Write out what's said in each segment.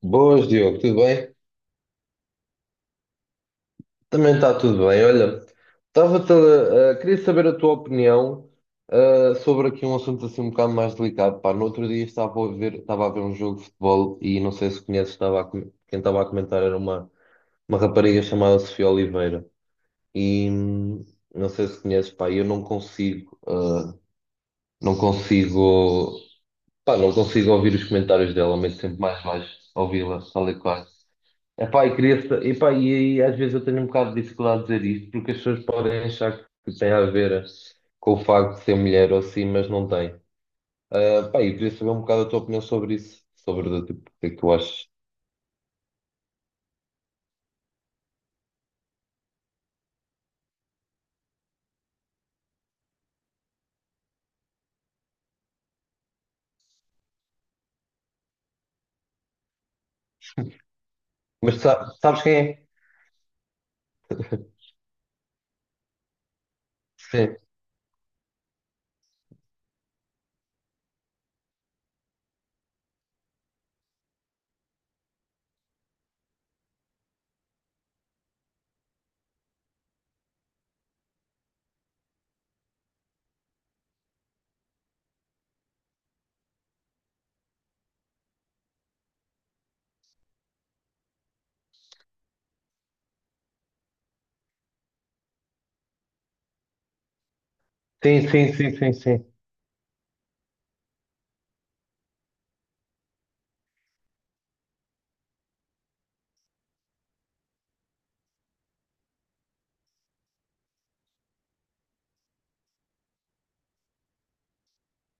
Boas, Diogo, tudo bem? Também está tudo bem. Olha, queria saber a tua opinião sobre aqui um assunto assim um bocado mais delicado. Pá, no outro dia estava a ver um jogo de futebol e não sei se conheces, quem estava a comentar era uma rapariga chamada Sofia Oliveira. E não sei se conheces, pá, eu não consigo, ah, não consigo, pá, não consigo ouvir os comentários dela, mas sempre mais baixo ouvi-la, tal e qual. Epá, e, queria, sa- epá, e às vezes eu tenho um bocado de dificuldade de dizer isto, porque as pessoas podem achar que tem a ver com o facto de ser mulher ou assim, mas não tem. Ah, pá, e queria saber um bocado a tua opinião sobre isso, sobre o tipo, o que é que tu achas. Mas sabes quem é? Sim, sim, sim, sim, sim. Sim.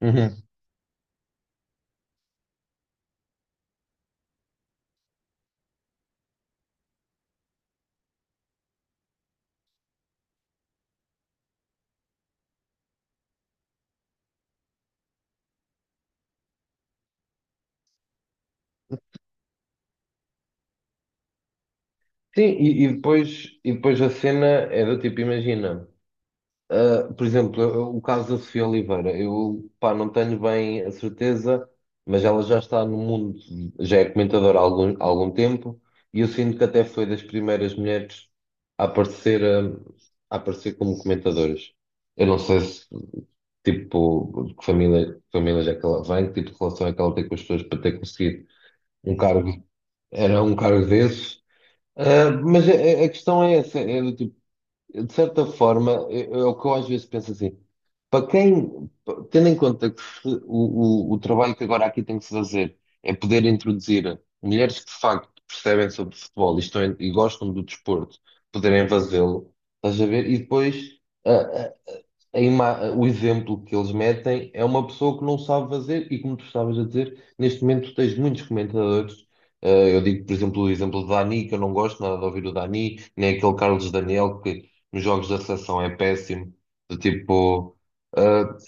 Uhum. Sim, e depois a cena é do tipo, imagina. Por exemplo, o caso da Sofia Oliveira, eu pá, não tenho bem a certeza, mas ela já está no mundo, já é comentadora há algum tempo, e eu sinto que até foi das primeiras mulheres a aparecer, um, a aparecer como comentadoras. Eu não sei se, tipo, de que família é que ela vem, que tipo de relação é que ela tem com as pessoas para ter conseguido um cargo, era um cargo desses. Mas a questão é essa, é do tipo. De certa forma, é o que eu às vezes penso assim, tendo em conta que se- o trabalho que agora aqui tem que se fazer é poder introduzir mulheres que de facto percebem sobre futebol e gostam do desporto, poderem fazê-lo, estás a ver? E depois o exemplo que eles metem é uma pessoa que não sabe fazer, e como tu estavas a dizer, neste momento tens muitos comentadores. Eu digo, por exemplo, o exemplo do Dani, que eu não gosto nada de ouvir o Dani, nem aquele Carlos Daniel, que nos jogos da seleção é péssimo, do tipo,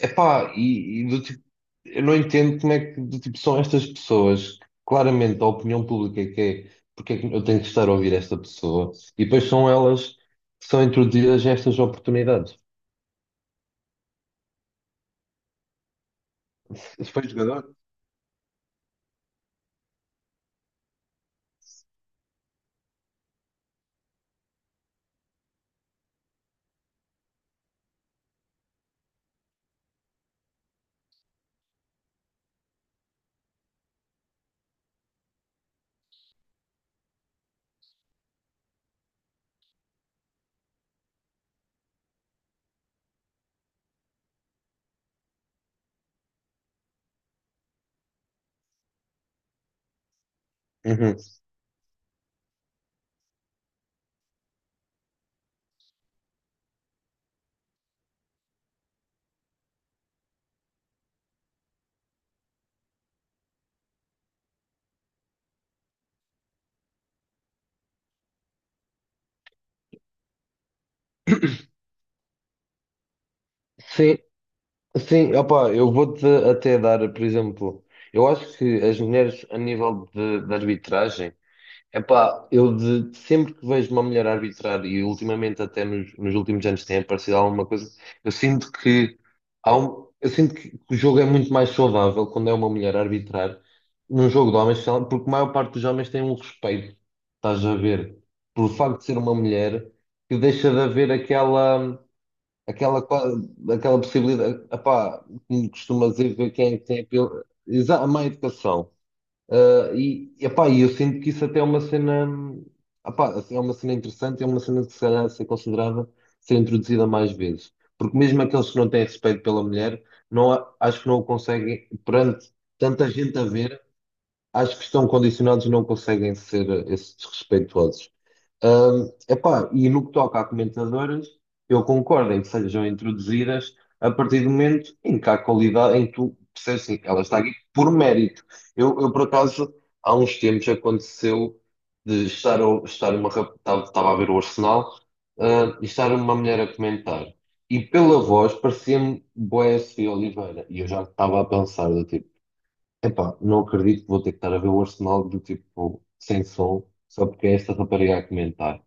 é epá, e do tipo, eu não entendo como é que do tipo, são estas pessoas, que claramente a opinião pública é que é, porque é que eu tenho que estar a ouvir esta pessoa, e depois são elas que são introduzidas a estas oportunidades. Se foi jogador? Uhum. Sim, sim, opá, eu vou-te até dar, por exemplo, eu acho que as mulheres a nível de arbitragem, epá, sempre que vejo uma mulher arbitrar e ultimamente até nos últimos anos tem aparecido alguma coisa, eu sinto que eu sinto que o jogo é muito mais saudável quando é uma mulher a arbitrar num jogo de homens, sei lá, porque a maior parte dos homens tem um respeito, estás a ver, pelo facto de ser uma mulher, que deixa de haver aquela. aquela, qua- aquela possibilidade, epá, como costuma dizer, ver quem tem a má educação. Ah, e eu sinto que isso até é uma cena, epá, assim, é uma cena interessante, é uma cena que se calhar deve ser considerada, ser introduzida mais vezes. Porque mesmo aqueles que não têm respeito pela mulher, não, acho que não o conseguem, perante tanta gente a ver, acho que estão condicionados e não conseguem ser esses desrespeitosos. Epá, e no que toca a comentadoras, eu concordo em que sejam introduzidas a partir do momento em que há qualidade, em que tu percebes assim, ela está aqui por mérito. Eu, por acaso, há uns tempos aconteceu de estar, a- estar uma rap- estava estava a ver o Arsenal, e estar uma mulher a comentar. E pela voz parecia-me Boécio Oliveira. E eu já estava a pensar do tipo, epá, não acredito que vou ter que estar a ver o Arsenal do tipo sem som, só porque é esta rapariga a comentar.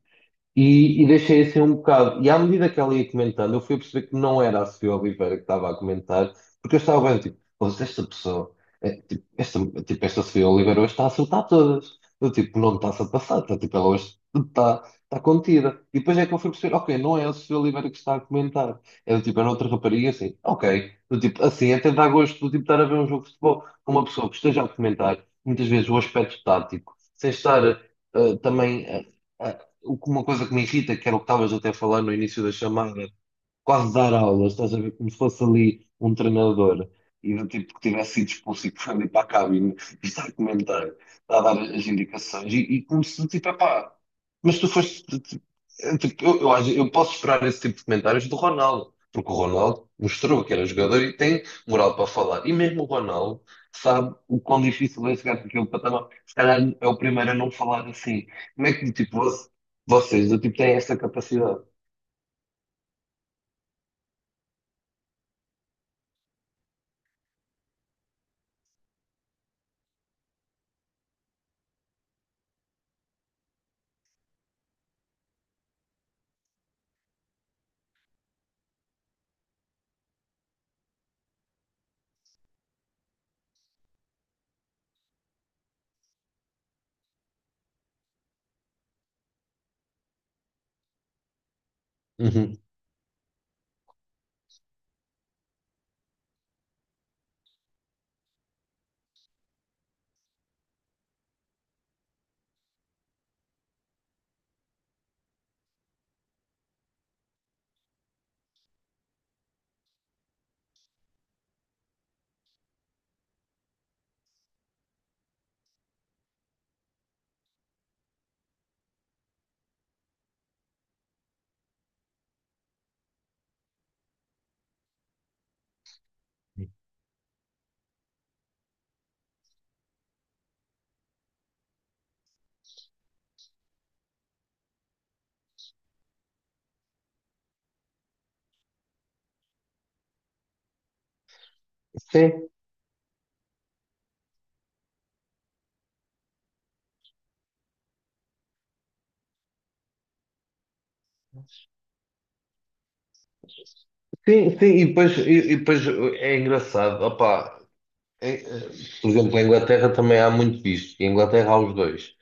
E deixei assim um bocado. E à medida que ela ia comentando, eu fui a perceber que não era a Sofia Oliveira que estava a comentar, porque eu estava bem, tipo, "Ouça, esta pessoa, é, tipo, tipo, esta Sofia Oliveira hoje está a acertar todas. Eu, tipo, não me está-se a passar, tipo, ela hoje está contida. E depois é que eu fui perceber, ok, não é a Sofia Oliveira que está a comentar, é do tipo, era outra rapariga, assim, ok. Do tipo, assim, até dá gosto do tipo estar a ver um jogo de futebol com uma pessoa que esteja a comentar, muitas vezes, o aspecto tático, sem estar também. A uma coisa que me irrita, que era o que estavas até a falar no início da chamada, quase dar aulas, estás a ver? Como se fosse ali um treinador e do tipo que tivesse sido expulso e que foi ali para a cabine e está a comentar, está a dar as indicações e como se tipo, epá, mas tu foste. Tipo, é, tipo, eu posso esperar esse tipo de comentários do Ronaldo, porque o Ronaldo mostrou que era jogador e tem moral para falar. E mesmo o Ronaldo sabe o quão difícil é chegar para aquele patamar. Se calhar é o primeiro a não falar assim. Como é que tipo, vocês do tipo, têm essa capacidade? Uhum. Sim, sim, sim, e depois é engraçado, opá, em, eh, Por exemplo, na Inglaterra também há muito disto. E em Inglaterra há os dois.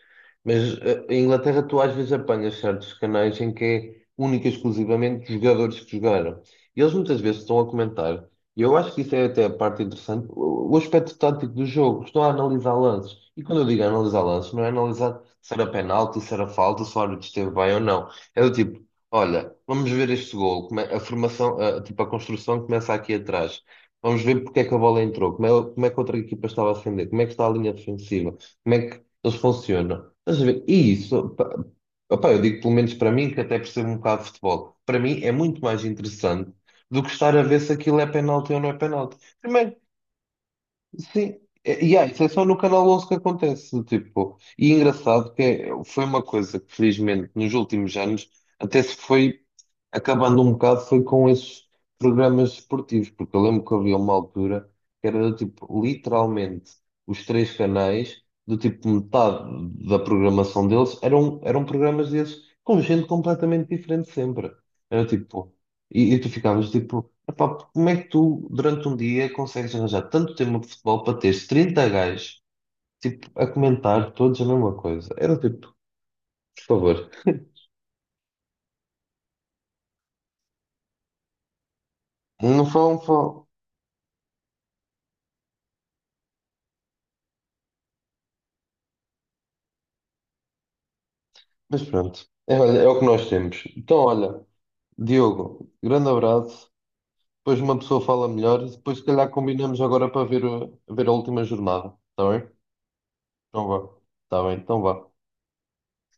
Mas em Inglaterra tu às vezes apanhas certos canais em que é única e exclusivamente os jogadores que jogaram. E eles muitas vezes estão a comentar. E eu acho que isso é até a parte interessante. O aspecto tático do jogo. Estão a analisar lances. E quando eu digo analisar lances, não é analisar se era penalti, se era falta, se o árbitro esteve bem ou não. É do tipo, olha, vamos ver este gol. A formação, tipo, a construção começa aqui atrás. Vamos ver porque é que a bola entrou, como é que a outra equipa estava a defender, como é que está a linha defensiva, como é que eles funcionam. Estás a ver? E isso, pá, opá, eu digo pelo menos para mim, que até percebo um bocado de futebol, para mim é muito mais interessante do que estar a ver se aquilo é penalti ou não é penalti. Primeiro. Sim, isso é só no Canal 11 que acontece, tipo, e engraçado que foi uma coisa que felizmente nos últimos anos até se foi acabando um bocado foi com esses programas esportivos, porque eu lembro que havia uma altura que era do tipo literalmente os três canais, do tipo metade da programação deles eram programas desses com gente completamente diferente sempre. Era tipo, e tu ficavas tipo. Epá, como é que tu, durante um dia, consegues arranjar tanto tempo de futebol para teres 30 gajos, tipo, a comentar todos a mesma coisa? Era tipo, por favor, não falam, falam. Mas pronto, é, olha, é o que nós temos. Então, olha, Diogo, grande abraço. Depois uma pessoa fala melhor e depois, se calhar, combinamos agora para ver, ver a última jornada. Está bem? Então vá. Está bem, então vá.